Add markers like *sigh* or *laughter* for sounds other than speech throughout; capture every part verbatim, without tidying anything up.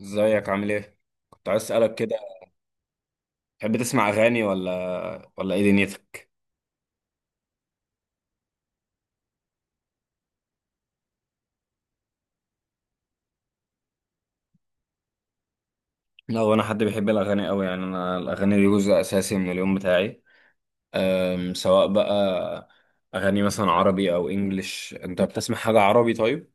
ازيك عامل ايه؟ كنت عايز اسألك كده. تحب تسمع أغاني ولا ولا ايه دنيتك؟ لا، هو أنا حد بيحب الأغاني أوي، يعني أنا الأغاني دي جزء أساسي من اليوم بتاعي. أم، سواء بقى أغاني مثلا عربي أو إنجليش، أنت بتسمع حاجة عربي طيب؟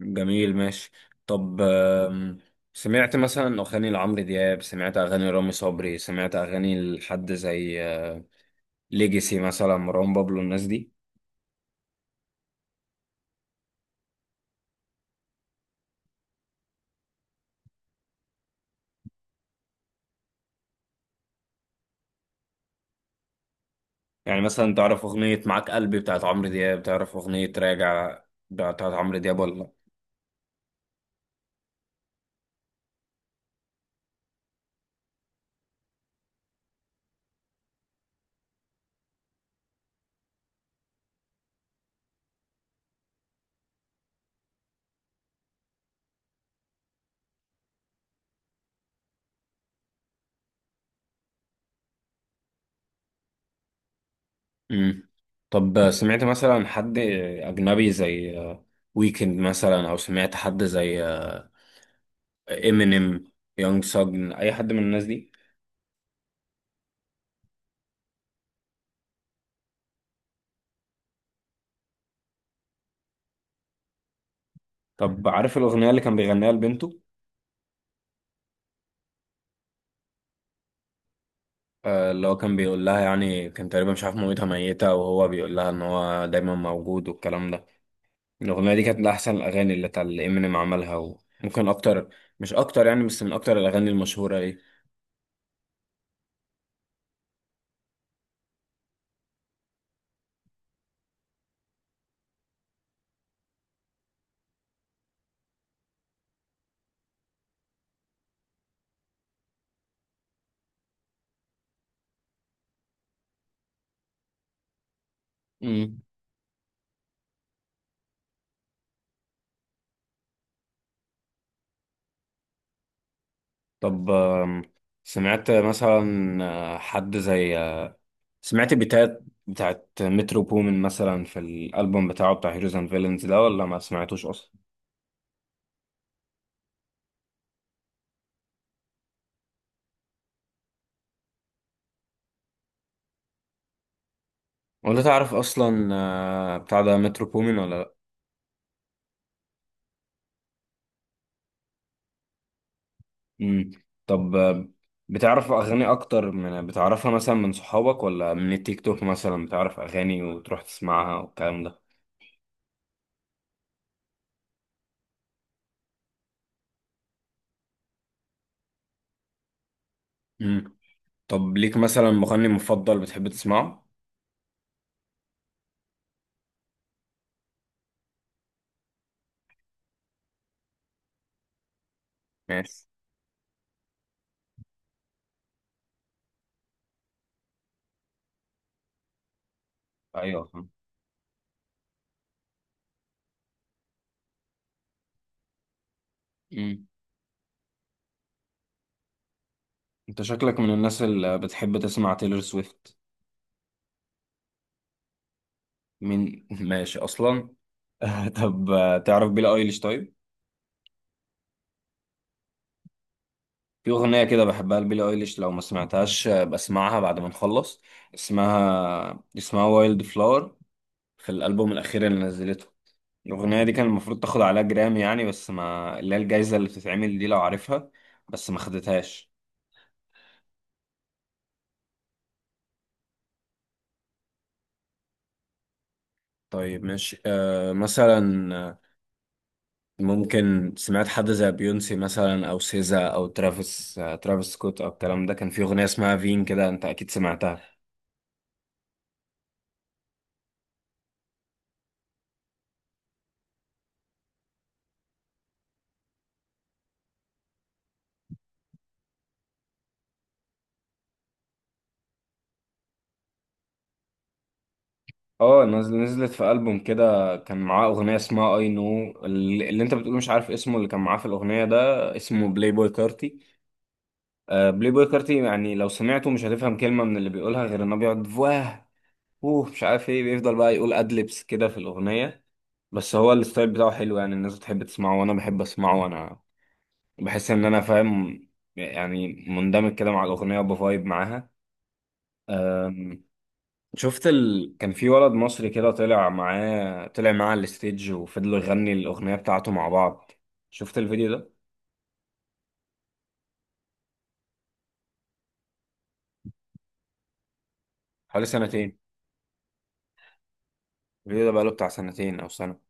جميل، ماشي. طب أم، سمعت مثلا أغاني لعمرو دياب، سمعت أغاني رامي صبري، سمعت أغاني لحد زي ليجيسي مثلا، مروان بابلو، الناس دي؟ يعني مثلا تعرف أغنية معاك قلبي بتاعت عمرو دياب، تعرف أغنية راجع بتاعت عمرو دياب ولا لأ؟ مم. طب سمعت مثلا حد أجنبي زي ويكند مثلا، أو سمعت حد زي إمينيم، يونج ساجن، أي حد من الناس دي. طب عارف الأغنية اللي كان بيغنيها لبنته؟ آه، اللي هو كان بيقول لها، يعني كان تقريبا مش عارف مامتها ميتة وهو بيقول لها إن هو دايما موجود والكلام ده. الأغنية دي كانت من أحسن الأغاني اللي بتاع اللي إمينيم عملها، وممكن أكتر، مش أكتر يعني، بس من أكتر الأغاني المشهورة. مم. طب آم، سمعت مثلا آه، حد زي آه، سمعت بتاعت بتاعت مترو بومن مثلا، في الألبوم بتاعه، بتاع هيروز اند فيلنز ده، ولا ما سمعتوش أصلا؟ ولا تعرف أصلا آه، بتاع ده مترو بومن ولا لأ؟ مم. طب آه، بتعرف أغاني أكتر من بتعرفها مثلا من صحابك، ولا من التيك توك مثلا بتعرف أغاني وتروح تسمعها والكلام ده؟ مم. طب ليك مثلا مغني مفضل بتحب تسمعه؟ ماشي. أيوه. مم. انت شكلك من الناس اللي بتحب تسمع تيلر سويفت. مين؟ *laughs* ماشي اصلا. *laughs* طب آه، تعرف بيلي ايليش طيب؟ في اغنيه كده بحبها لبيلي ايليش، لو ما سمعتهاش آه، بسمعها بعد ما نخلص. اسمها اسمها وايلد فلاور، في الالبوم الاخير اللي نزلته. الاغنيه دي كان المفروض تاخد عليها جرامي يعني، بس ما اللي هي الجايزه اللي بتتعمل دي لو عارفها، بس ما خدتهاش. طيب ماشي. أه، مثلا ممكن سمعت حد زي بيونسي مثلا، او سيزا، او ترافيس آه، ترافيس سكوت، او الكلام ده. كان في اغنيه اسمها فين كده، انت اكيد سمعتها. اه، نزل نزلت في البوم كده، كان معاه اغنيه اسمها اي نو، اللي اللي انت بتقول مش عارف اسمه، اللي كان معاه في الاغنيه ده، اسمه بلاي بوي كارتي. آه، بلاي بوي كارتي يعني لو سمعته مش هتفهم كلمه من اللي بيقولها، غير انه بيقعد فواه اوه مش عارف ايه، بيفضل بقى يقول ادلبس كده في الاغنيه. بس هو الستايل بتاعه حلو يعني، الناس بتحب تسمعه وانا بحب اسمعه، وانا بحس ان انا فاهم، يعني مندمج كده مع الاغنيه وبفايب معاها. أم، شفت ال... كان في ولد مصري كده طلع معاه طلع معاه على الستيج وفضلوا يغني الاغنيه بتاعته مع بعض. شفت الفيديو ده؟ حوالي سنتين. الفيديو ده بقاله بتاع سنتين او سنه.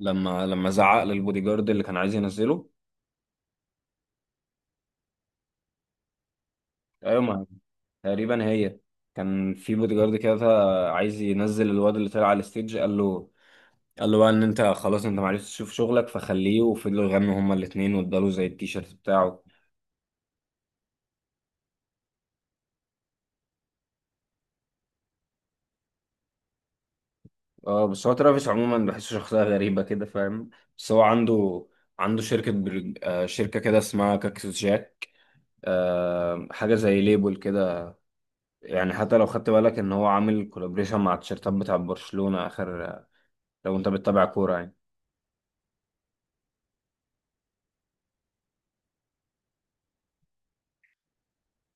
لما لما زعق للبودي جارد اللي كان عايز ينزله. ايوه، ما تقريبا هي، كان في بودي جارد كده عايز ينزل الواد اللي طلع على الستيج، قال له، قالوا بقى ان انت خلاص انت معرفتش تشوف شغلك فخليه، وفضلوا يغنوا هما الاتنين واداله زي التيشيرت بتاعه. اه، بس هو ترافيس عموما بحسه شخصية غريبة كده، فاهم؟ بس هو عنده عنده شركة برج... آه شركة كده اسمها كاكسوس جاك، آه، حاجة زي ليبل كده. يعني حتى لو خدت بالك ان هو عامل كولابريشن مع التيشيرتات بتاع برشلونة اخر، لو انت بتتابع كورة يعني.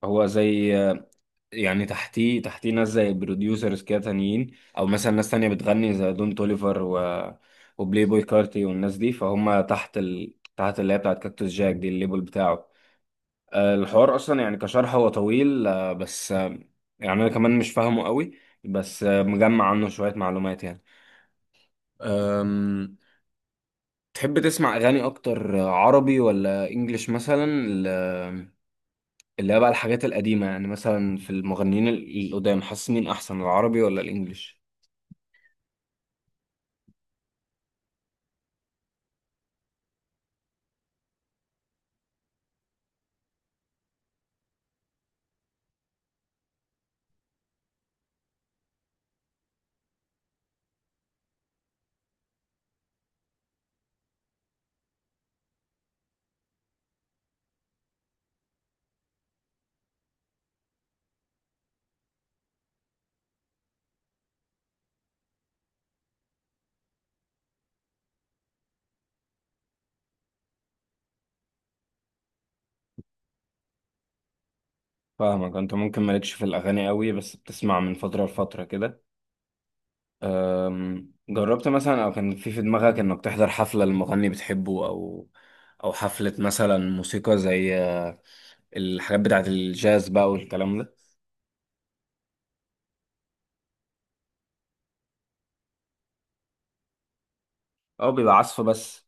هو زي يعني تحتيه تحتيه ناس زي بروديوسرز كده تانيين، او مثلا ناس تانية بتغني زي دون توليفر و... وبلاي بوي كارتي والناس دي، فهم تحت ال... تحت اللي هي بتاعت كاكتوس جاك دي، الليبل بتاعه. آه، الحوار اصلا يعني كشرح هو طويل، آه، بس آه، يعني انا كمان مش فاهمه قوي، بس آه، مجمع عنه شوية معلومات يعني. أم، تحب تسمع اغاني اكتر عربي ولا انجليش مثلا؟ ال- اللي هي بقى الحاجات القديمة يعني، مثلا في المغنيين ال- القدام، حاسس مين احسن، العربي ولا الانجليش؟ فاهمك، انت ممكن مالكش في الاغاني قوي بس بتسمع من فتره لفتره كده. أم، جربت مثلا، او كان في في دماغك انك تحضر حفله لمغني بتحبه، او او حفله مثلا موسيقى زي آه، الحاجات بتاعه الجاز بقى والكلام ده؟ او بيبقى عزف بس.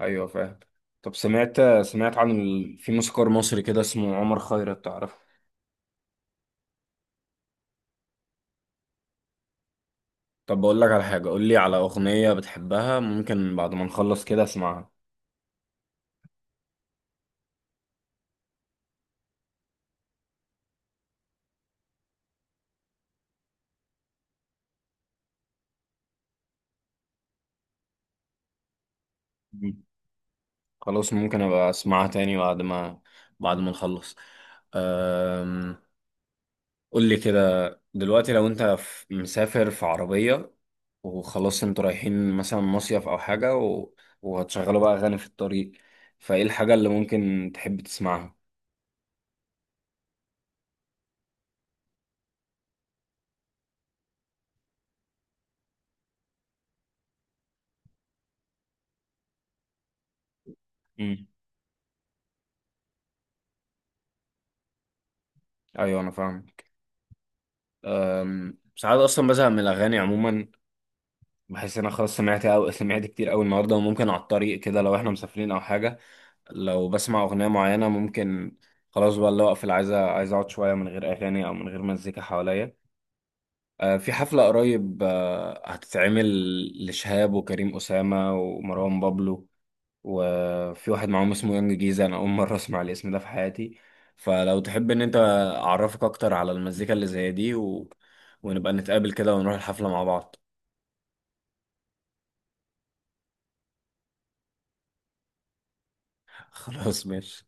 ايوه، فاهم. طب سمعت سمعت عن ال... في موسيقار مصري كده اسمه عمر خيرت، تعرفه؟ طب بقول لك على حاجه، قول لي على اغنيه بتحبها ممكن بعد ما نخلص كده اسمعها. خلاص، ممكن ابقى اسمعها تاني بعد ما بعد ما نخلص. أم... قول لي كده دلوقتي، لو انت في- مسافر في عربية وخلاص انتوا رايحين مثلا مصيف او حاجة و... وهتشغلوا بقى اغاني في الطريق، فايه الحاجة اللي ممكن تحب تسمعها؟ مم. ايوه، انا فاهم. أم... ساعات اصلا بزهق من الاغاني عموما، بحس ان انا خلاص سمعت، او سمعت كتير قوي النهارده، وممكن على الطريق كده لو احنا مسافرين او حاجة، لو بسمع أغنية معينة، ممكن خلاص بقى اللي هو أقفل، عايز عايز أقعد شوية من غير أغاني أو من غير مزيكا حواليا. آه، في حفلة قريب آه، هتتعمل لشهاب وكريم أسامة ومروان بابلو، وفي واحد معاهم اسمه يونج جيزة، أنا أول مرة أسمع الاسم ده في حياتي. فلو تحب إن أنت أعرفك أكتر على المزيكا اللي زي دي و... ونبقى نتقابل كده ونروح الحفلة مع بعض. *laughs* خلاص، ماشي.